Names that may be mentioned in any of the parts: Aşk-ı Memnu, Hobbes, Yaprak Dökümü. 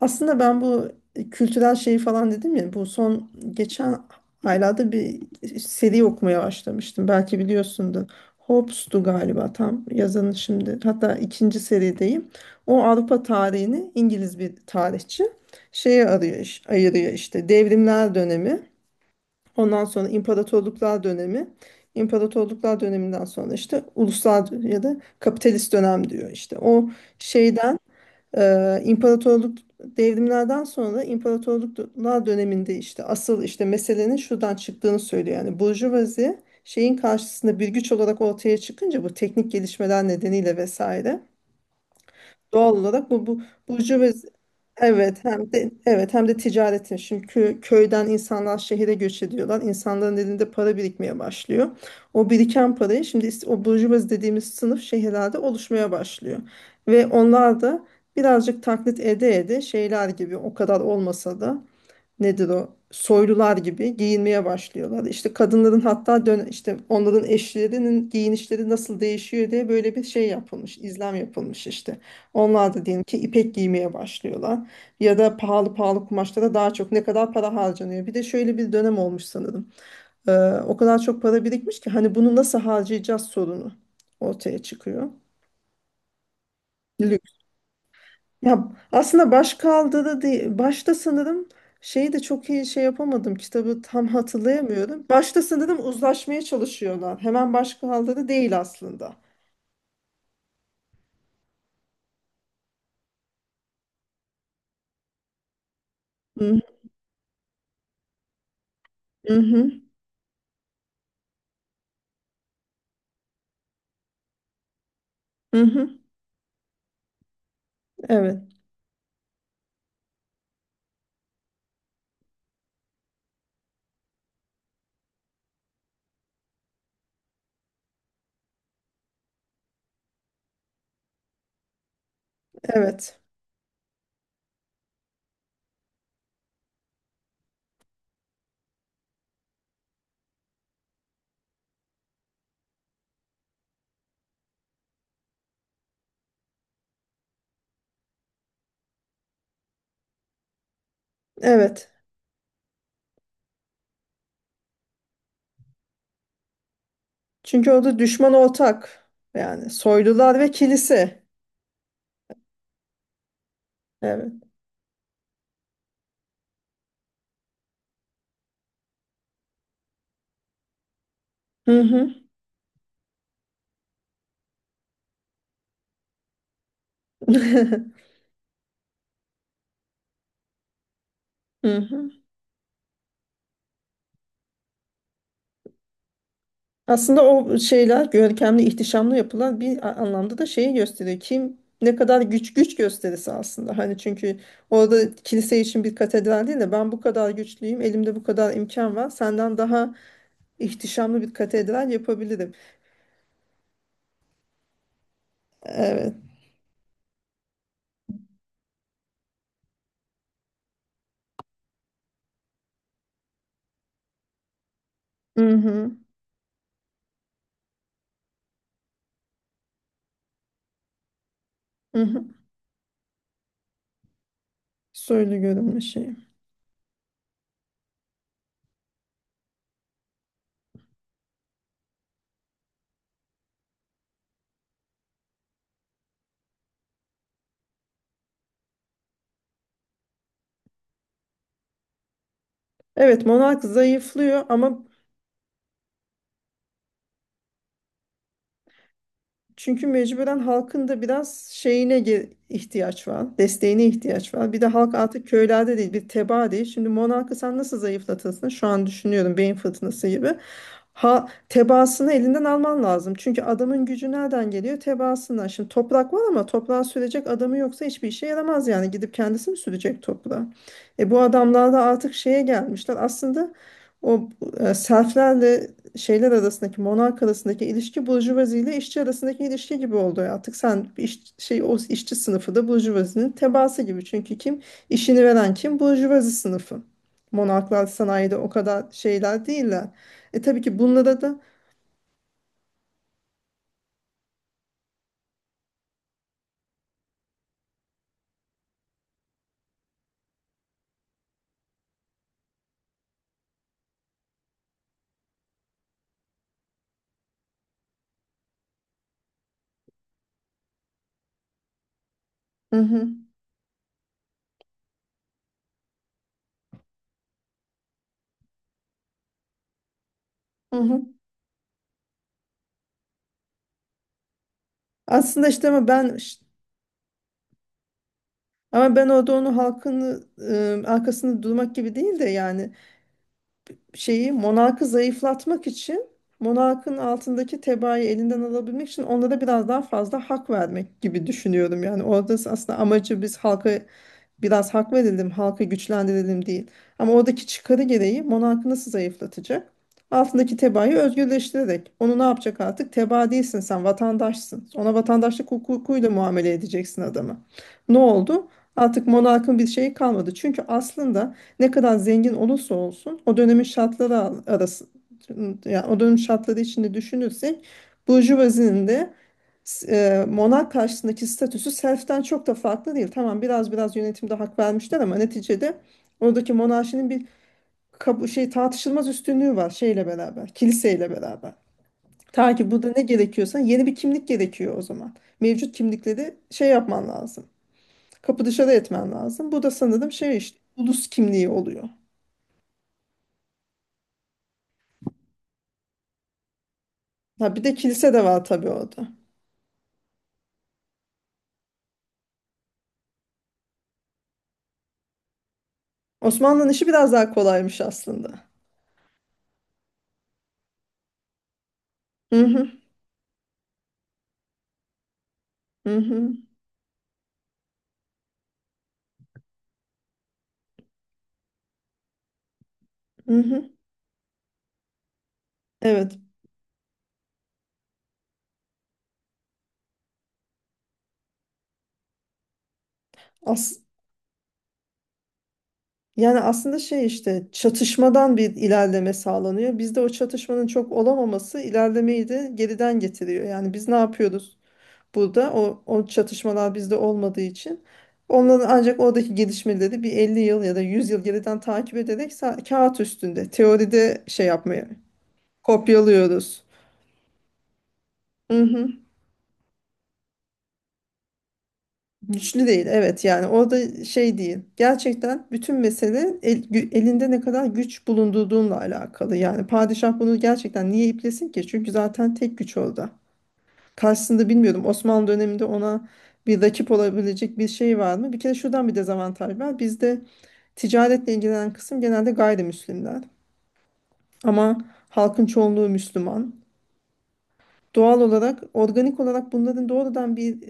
Aslında ben bu kültürel şeyi falan dedim ya, bu son geçen aylarda bir seri okumaya başlamıştım. Belki biliyorsundur. Hobbes'tu galiba tam yazanı şimdi. Hatta ikinci serideyim. O Avrupa tarihini İngiliz bir tarihçi şeye arıyor, ayırıyor işte: devrimler dönemi, ondan sonra imparatorluklar dönemi, imparatorluklar döneminden sonra işte uluslar ya da kapitalist dönem diyor işte. O şeyden imparatorluk devrimlerden sonra imparatorluklar döneminde işte asıl işte meselenin şuradan çıktığını söylüyor. Yani burjuvazi şeyin karşısında bir güç olarak ortaya çıkınca, bu teknik gelişmeler nedeniyle vesaire. Doğal olarak bu burcu ve evet, hem de evet, hem de ticaretin şimdi köyden insanlar şehire göç ediyorlar. İnsanların elinde para birikmeye başlıyor. O biriken parayı şimdi o burjuvazi dediğimiz sınıf şehirlerde oluşmaya başlıyor. Ve onlar da birazcık taklit ede ede, şeyler gibi o kadar olmasa da, nedir, o soylular gibi giyinmeye başlıyorlar. İşte kadınların, hatta dön işte onların eşlerinin giyinişleri nasıl değişiyor diye böyle bir şey yapılmış, izlem yapılmış işte. Onlar da diyelim ki ipek giymeye başlıyorlar ya da pahalı pahalı kumaşlara daha çok ne kadar para harcanıyor. Bir de şöyle bir dönem olmuş sanırım. Ee, O kadar çok para birikmiş ki hani bunu nasıl harcayacağız sorunu ortaya çıkıyor. Ya aslında baş kaldı da değil. Başta sanırım şeyi de çok iyi şey yapamadım. Kitabı tam hatırlayamıyorum. Başta sanırım uzlaşmaya çalışıyorlar. Hemen başkaldı da değil aslında. Hı hı hı. Hı. Evet. Evet. Evet. Çünkü orada düşman ortak. Yani soylular ve kilise. Evet. Hı hı. Hı hı. Aslında o şeyler görkemli, ihtişamlı yapılan bir anlamda da şeyi gösteriyor. Kim ne kadar güç, güç gösterisi aslında. Hani çünkü orada kilise için bir katedral değil de, ben bu kadar güçlüyüm, elimde bu kadar imkan var. Senden daha ihtişamlı bir katedral yapabilirim. Evet. Hı hı. Hı hı. Soylu görünme şeyi. Evet, monark zayıflıyor ama çünkü mecburen halkın da biraz şeyine ihtiyaç var, desteğine ihtiyaç var. Bir de halk artık köylerde değil, bir tebaa değil. Şimdi monarkı sen nasıl zayıflatırsın? Şu an düşünüyorum, beyin fırtınası gibi. Ha, tebaasını elinden alman lazım. Çünkü adamın gücü nereden geliyor? Tebaasından. Şimdi toprak var ama toprağa sürecek adamı yoksa hiçbir işe yaramaz yani. Gidip kendisi mi sürecek toprağa? E bu adamlar da artık şeye gelmişler. Aslında o serflerle şeyler arasındaki, monark arasındaki ilişki, burjuvazi ile işçi arasındaki ilişki gibi oldu. Artık sen iş, şey, o işçi sınıfı da burjuvazinin tebaası gibi. Çünkü kim işini veren? Kim? Burjuvazi sınıfı. Monarklar sanayide o kadar şeyler değiller. E tabii ki bunlara da hı hı, hı hı. Aslında işte ama ben orada onu halkın arkasında durmak gibi değil de, yani şeyi, monarkı zayıflatmak için monarkın altındaki tebaayı elinden alabilmek için onlara biraz daha fazla hak vermek gibi düşünüyorum. Yani orada aslında amacı biz halka biraz hak verelim, halkı güçlendirelim değil. Ama oradaki çıkarı gereği monarkı nasıl zayıflatacak? Altındaki tebaayı özgürleştirerek. Onu ne yapacak artık? Tebaa değilsin sen, vatandaşsın. Ona vatandaşlık hukukuyla muamele edeceksin adamı. Ne oldu? Artık monarkın bir şeyi kalmadı. Çünkü aslında ne kadar zengin olursa olsun o dönemin şartları arası, yani o dönemin şartları içinde düşünürsek, burjuvazinin de monark karşısındaki statüsü self'ten çok da farklı değil. Tamam, biraz yönetimde hak vermişler ama neticede oradaki monarşinin bir şey, tartışılmaz üstünlüğü var, şeyle beraber, kiliseyle beraber. Ta ki burada ne gerekiyorsa, yeni bir kimlik gerekiyor o zaman. Mevcut kimlikleri şey yapman lazım. Kapı dışarı etmen lazım. Bu da sanırım şey işte, ulus kimliği oluyor. Ha bir de kilise de var tabii orada. Osmanlı'nın işi biraz daha kolaymış aslında. Hı hı. Hı hı. Hı hı. Evet. As- Yani aslında şey işte, çatışmadan bir ilerleme sağlanıyor. Bizde o çatışmanın çok olamaması ilerlemeyi de geriden getiriyor. Yani biz ne yapıyoruz burada? O çatışmalar bizde olmadığı için onların ancak oradaki gelişmeleri bir 50 yıl ya da 100 yıl geriden takip ederek kağıt üstünde teoride şey yapmaya kopyalıyoruz. Hı hı. Güçlü değil, evet. Yani orada şey değil, gerçekten bütün mesele elinde ne kadar güç bulundurduğunla alakalı. Yani padişah bunu gerçekten niye iplesin ki, çünkü zaten tek güç orada, karşısında bilmiyorum Osmanlı döneminde ona bir rakip olabilecek bir şey var mı. Bir kere şuradan bir dezavantaj var bizde: ticaretle ilgilenen kısım genelde gayrimüslimler ama halkın çoğunluğu Müslüman. Doğal olarak, organik olarak bunların doğrudan bir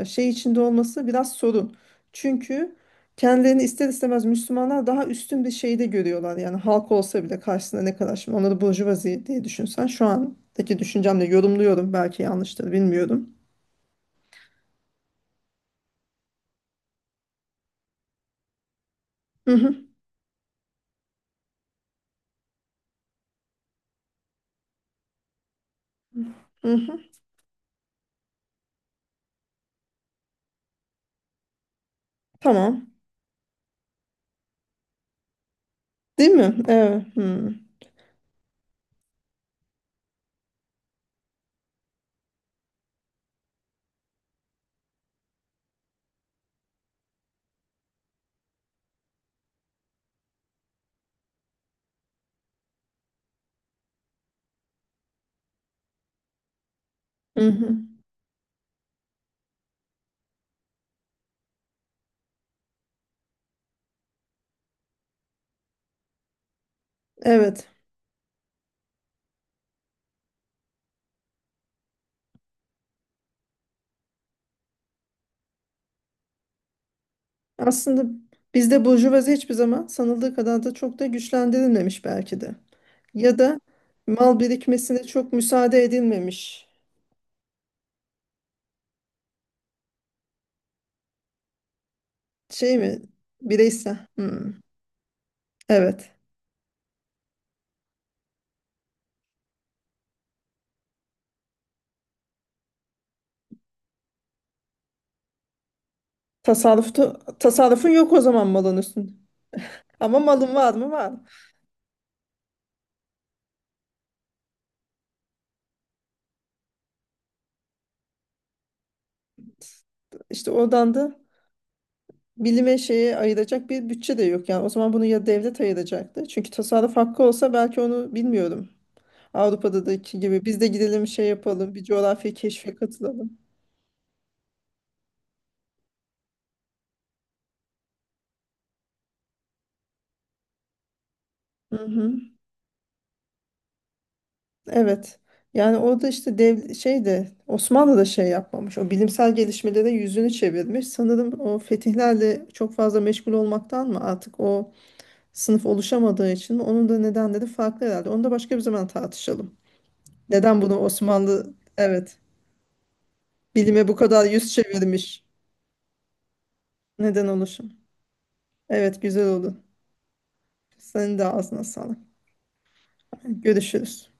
şey içinde olması biraz sorun. Çünkü kendilerini ister istemez Müslümanlar daha üstün bir şeyde görüyorlar. Yani halk olsa bile karşısında ne kadar, şimdi onları burjuvazi diye düşünsen, şu andaki düşüncemle yorumluyorum. Belki yanlıştır, bilmiyorum. Hı hı, hı hı. Tamam. Değil mi? Evet. Hı hı. Hı. Evet. Aslında bizde burjuvazi hiçbir zaman sanıldığı kadar da çok da güçlendirilmemiş belki de. Ya da mal birikmesine çok müsaade edilmemiş. Şey mi, bireysel? Hmm. Evet. Tasarrufta, tasarrufun yok o zaman malın üstünde. Ama malın var mı? Var. İşte oradan da bilime, şeye ayıracak bir bütçe de yok. Yani o zaman bunu ya devlet ayıracaktı. Çünkü tasarruf hakkı olsa belki, onu bilmiyorum. Avrupa'daki gibi biz de gidelim şey yapalım, bir coğrafya keşfe katılalım. Hı hı. Evet. Yani orada işte dev şey de, Osmanlı da şey yapmamış. O bilimsel gelişmelere yüzünü çevirmiş. Sanırım o fetihlerle çok fazla meşgul olmaktan mı, artık o sınıf oluşamadığı için mi? Onun da nedenleri farklı herhalde. Onu da başka bir zaman tartışalım. Neden bunu Osmanlı, evet, bilime bu kadar yüz çevirmiş? Neden oluşum? Evet, güzel oldu. Senin de ağzına sağlık. Görüşürüz.